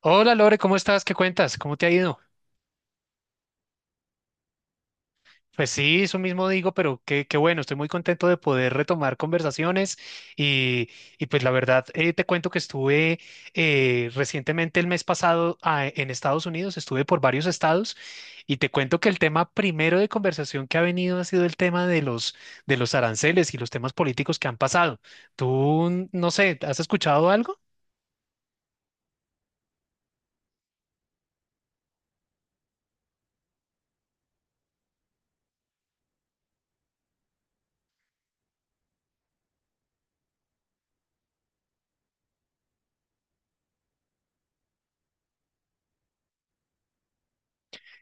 Hola Lore, ¿cómo estás? ¿Qué cuentas? ¿Cómo te ha ido? Pues sí, eso mismo digo, pero qué bueno, estoy muy contento de poder retomar conversaciones y, y pues la verdad te cuento que estuve recientemente el mes pasado en Estados Unidos, estuve por varios estados y te cuento que el tema primero de conversación que ha venido ha sido el tema de los aranceles y los temas políticos que han pasado. ¿Tú, no sé, has escuchado algo?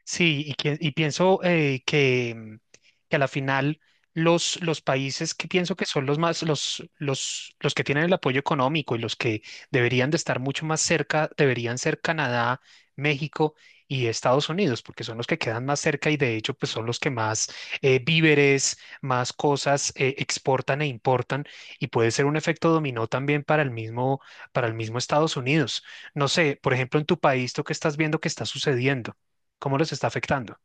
Sí, y pienso que a la final los países que pienso que son los más, los que tienen el apoyo económico y los que deberían de estar mucho más cerca, deberían ser Canadá, México y Estados Unidos, porque son los que quedan más cerca y de hecho pues son los que más víveres, más cosas exportan e importan y puede ser un efecto dominó también para el mismo Estados Unidos. No sé, por ejemplo, en tu país, ¿tú qué estás viendo que está sucediendo, cómo los está afectando?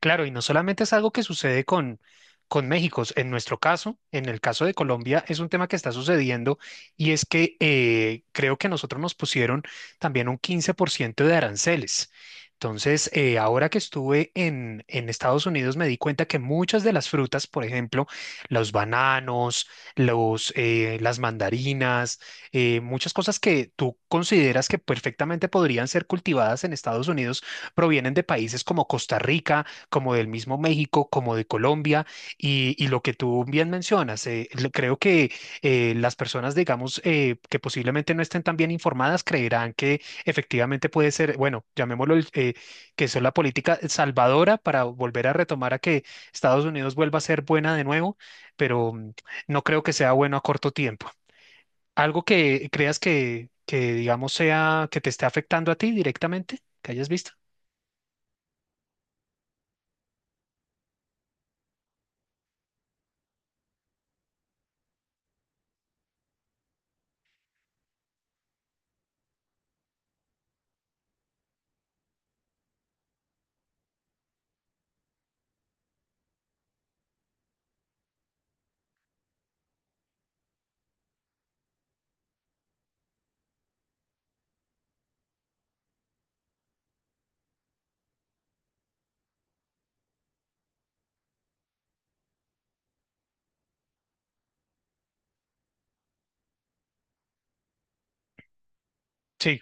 Claro, y no solamente es algo que sucede con México, en nuestro caso, en el caso de Colombia, es un tema que está sucediendo y es que creo que a nosotros nos pusieron también un 15% de aranceles. Entonces, ahora que estuve en Estados Unidos, me di cuenta que muchas de las frutas, por ejemplo, los bananos, las mandarinas, muchas cosas que tú consideras que perfectamente podrían ser cultivadas en Estados Unidos, provienen de países como Costa Rica, como del mismo México, como de Colombia, y lo que tú bien mencionas, creo que las personas, digamos, que posiblemente no estén tan bien informadas, creerán que efectivamente puede ser, bueno, llamémoslo, que eso es la política salvadora para volver a retomar a que Estados Unidos vuelva a ser buena de nuevo, pero no creo que sea bueno a corto tiempo. ¿Algo que creas que digamos, sea que te esté afectando a ti directamente, que hayas visto? Sí.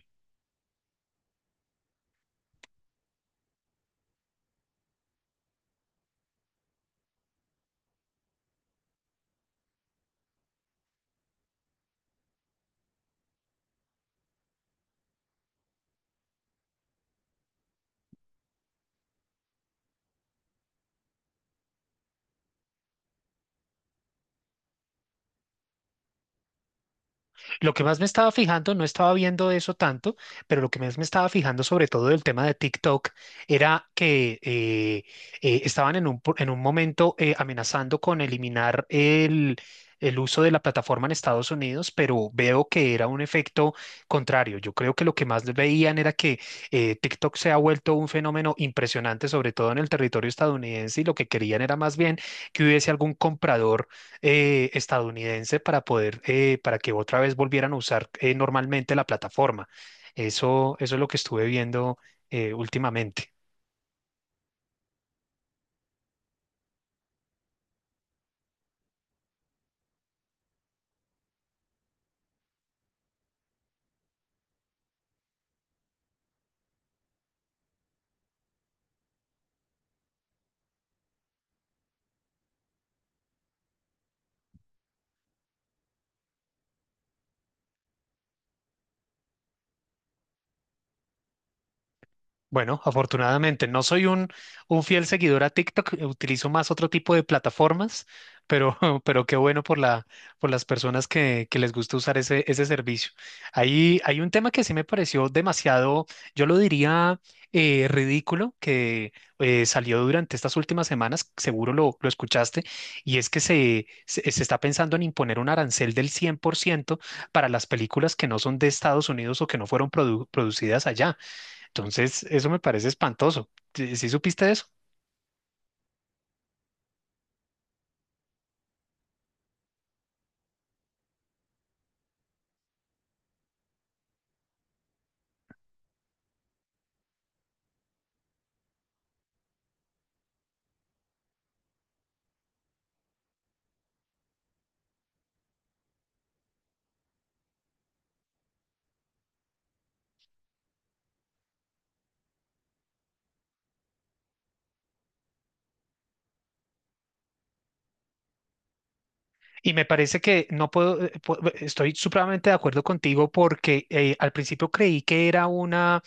Lo que más me estaba fijando, no estaba viendo eso tanto, pero lo que más me estaba fijando sobre todo del tema de TikTok era que estaban en un momento amenazando con eliminar el uso de la plataforma en Estados Unidos, pero veo que era un efecto contrario. Yo creo que lo que más veían era que TikTok se ha vuelto un fenómeno impresionante, sobre todo en el territorio estadounidense, y lo que querían era más bien que hubiese algún comprador estadounidense para poder, para que otra vez volvieran a usar normalmente la plataforma. Eso es lo que estuve viendo últimamente. Bueno, afortunadamente no soy un fiel seguidor a TikTok, utilizo más otro tipo de plataformas, pero, pero qué bueno por las personas que les gusta usar ese servicio. Ahí hay un tema que sí me pareció demasiado, yo lo diría ridículo, que salió durante estas últimas semanas, seguro lo escuchaste, y es que se está pensando en imponer un arancel del 100% para las películas que no son de Estados Unidos o que no fueron producidas allá. Entonces, eso me parece espantoso. ¿Sí, sí supiste eso? Y me parece que no puedo, estoy supremamente de acuerdo contigo porque al principio creí que era una...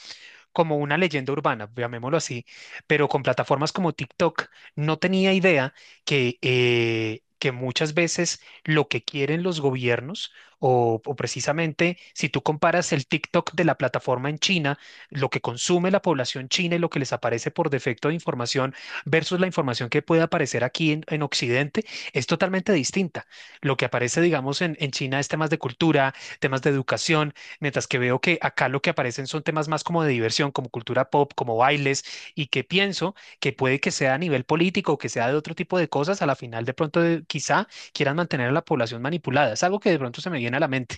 como una leyenda urbana, llamémoslo así, pero con plataformas como TikTok no tenía idea que muchas veces lo que quieren los gobiernos o precisamente si tú comparas el TikTok de la plataforma en China, lo que consume la población china y lo que les aparece por defecto de información versus la información que puede aparecer aquí en Occidente es totalmente distinta. Lo que aparece, digamos, en China, es temas de cultura, temas de educación, mientras que veo que acá lo que aparecen son temas más como de diversión, como cultura pop, como bailes, y que pienso que puede que sea a nivel político o que sea de otro tipo de cosas, a la final de pronto quizá quieran mantener a la población manipulada. Es algo que de pronto se me viene a la mente.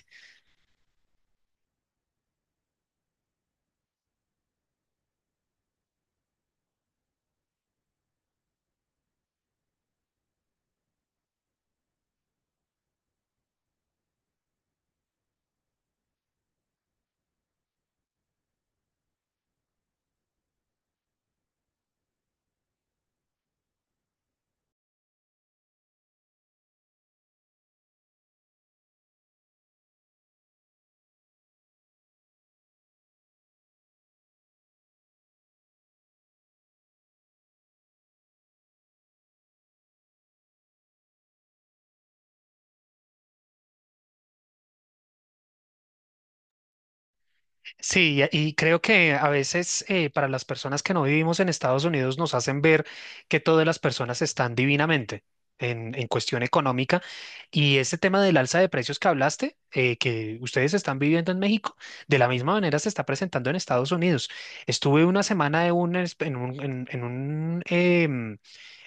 Sí, y creo que a veces para las personas que no vivimos en Estados Unidos nos hacen ver que todas las personas están divinamente en cuestión económica. Y ese tema del alza de precios que hablaste, que ustedes están viviendo en México, de la misma manera se está presentando en Estados Unidos. Estuve una semana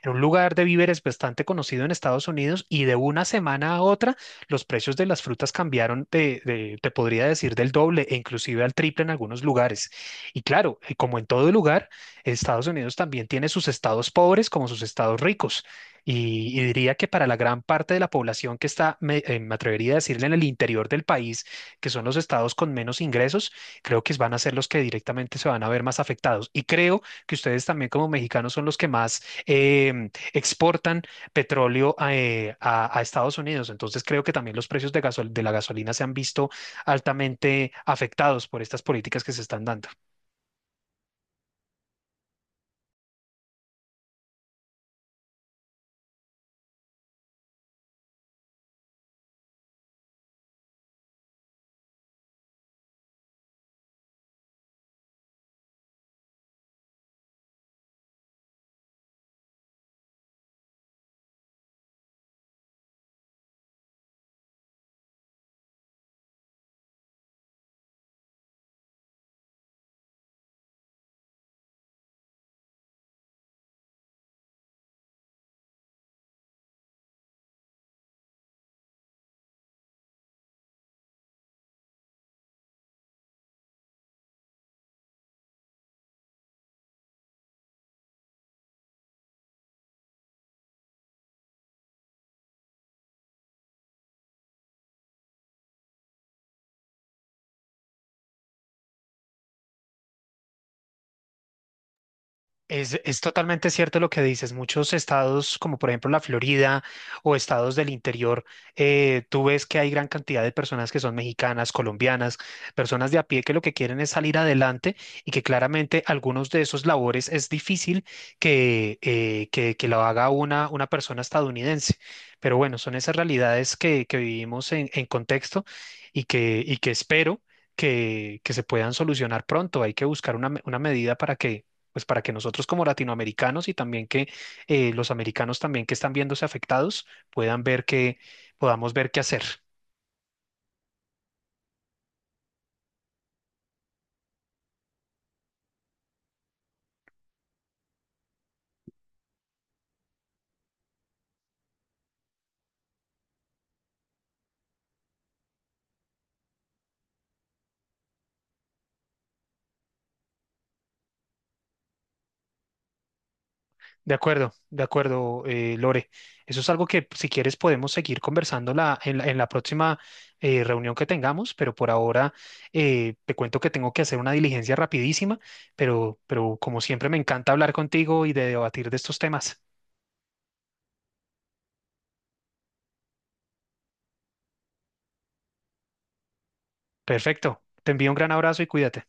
en un lugar de víveres bastante conocido en Estados Unidos, y de una semana a otra los precios de las frutas cambiaron te podría decir, del doble e inclusive al triple en algunos lugares. Y claro, como en todo lugar, Estados Unidos también tiene sus estados pobres como sus estados ricos. Y diría que para la gran parte de la población que está, me atrevería a decirle, en el interior del país, que son los estados con menos ingresos, creo que van a ser los que directamente se van a ver más afectados. Y creo que ustedes también como mexicanos son los que más exportan petróleo a Estados Unidos. Entonces creo que también los precios de la gasolina se han visto altamente afectados por estas políticas que se están dando. Es totalmente cierto lo que dices. Muchos estados, como por ejemplo la Florida o estados del interior, tú ves que hay gran cantidad de personas que son mexicanas, colombianas, personas de a pie que lo que quieren es salir adelante, y que claramente algunos de esos labores es difícil que lo haga una persona estadounidense. Pero bueno, son esas realidades que vivimos en contexto, y que espero que se puedan solucionar pronto. Hay que buscar una medida para que pues para que nosotros como latinoamericanos, y también que los americanos también que están viéndose afectados, puedan ver que podamos ver qué hacer. De acuerdo, Lore. Eso es algo que si quieres podemos seguir conversando en la próxima reunión que tengamos, pero por ahora te cuento que tengo que hacer una diligencia rapidísima, pero como siempre me encanta hablar contigo y de debatir de estos temas. Perfecto. Te envío un gran abrazo y cuídate.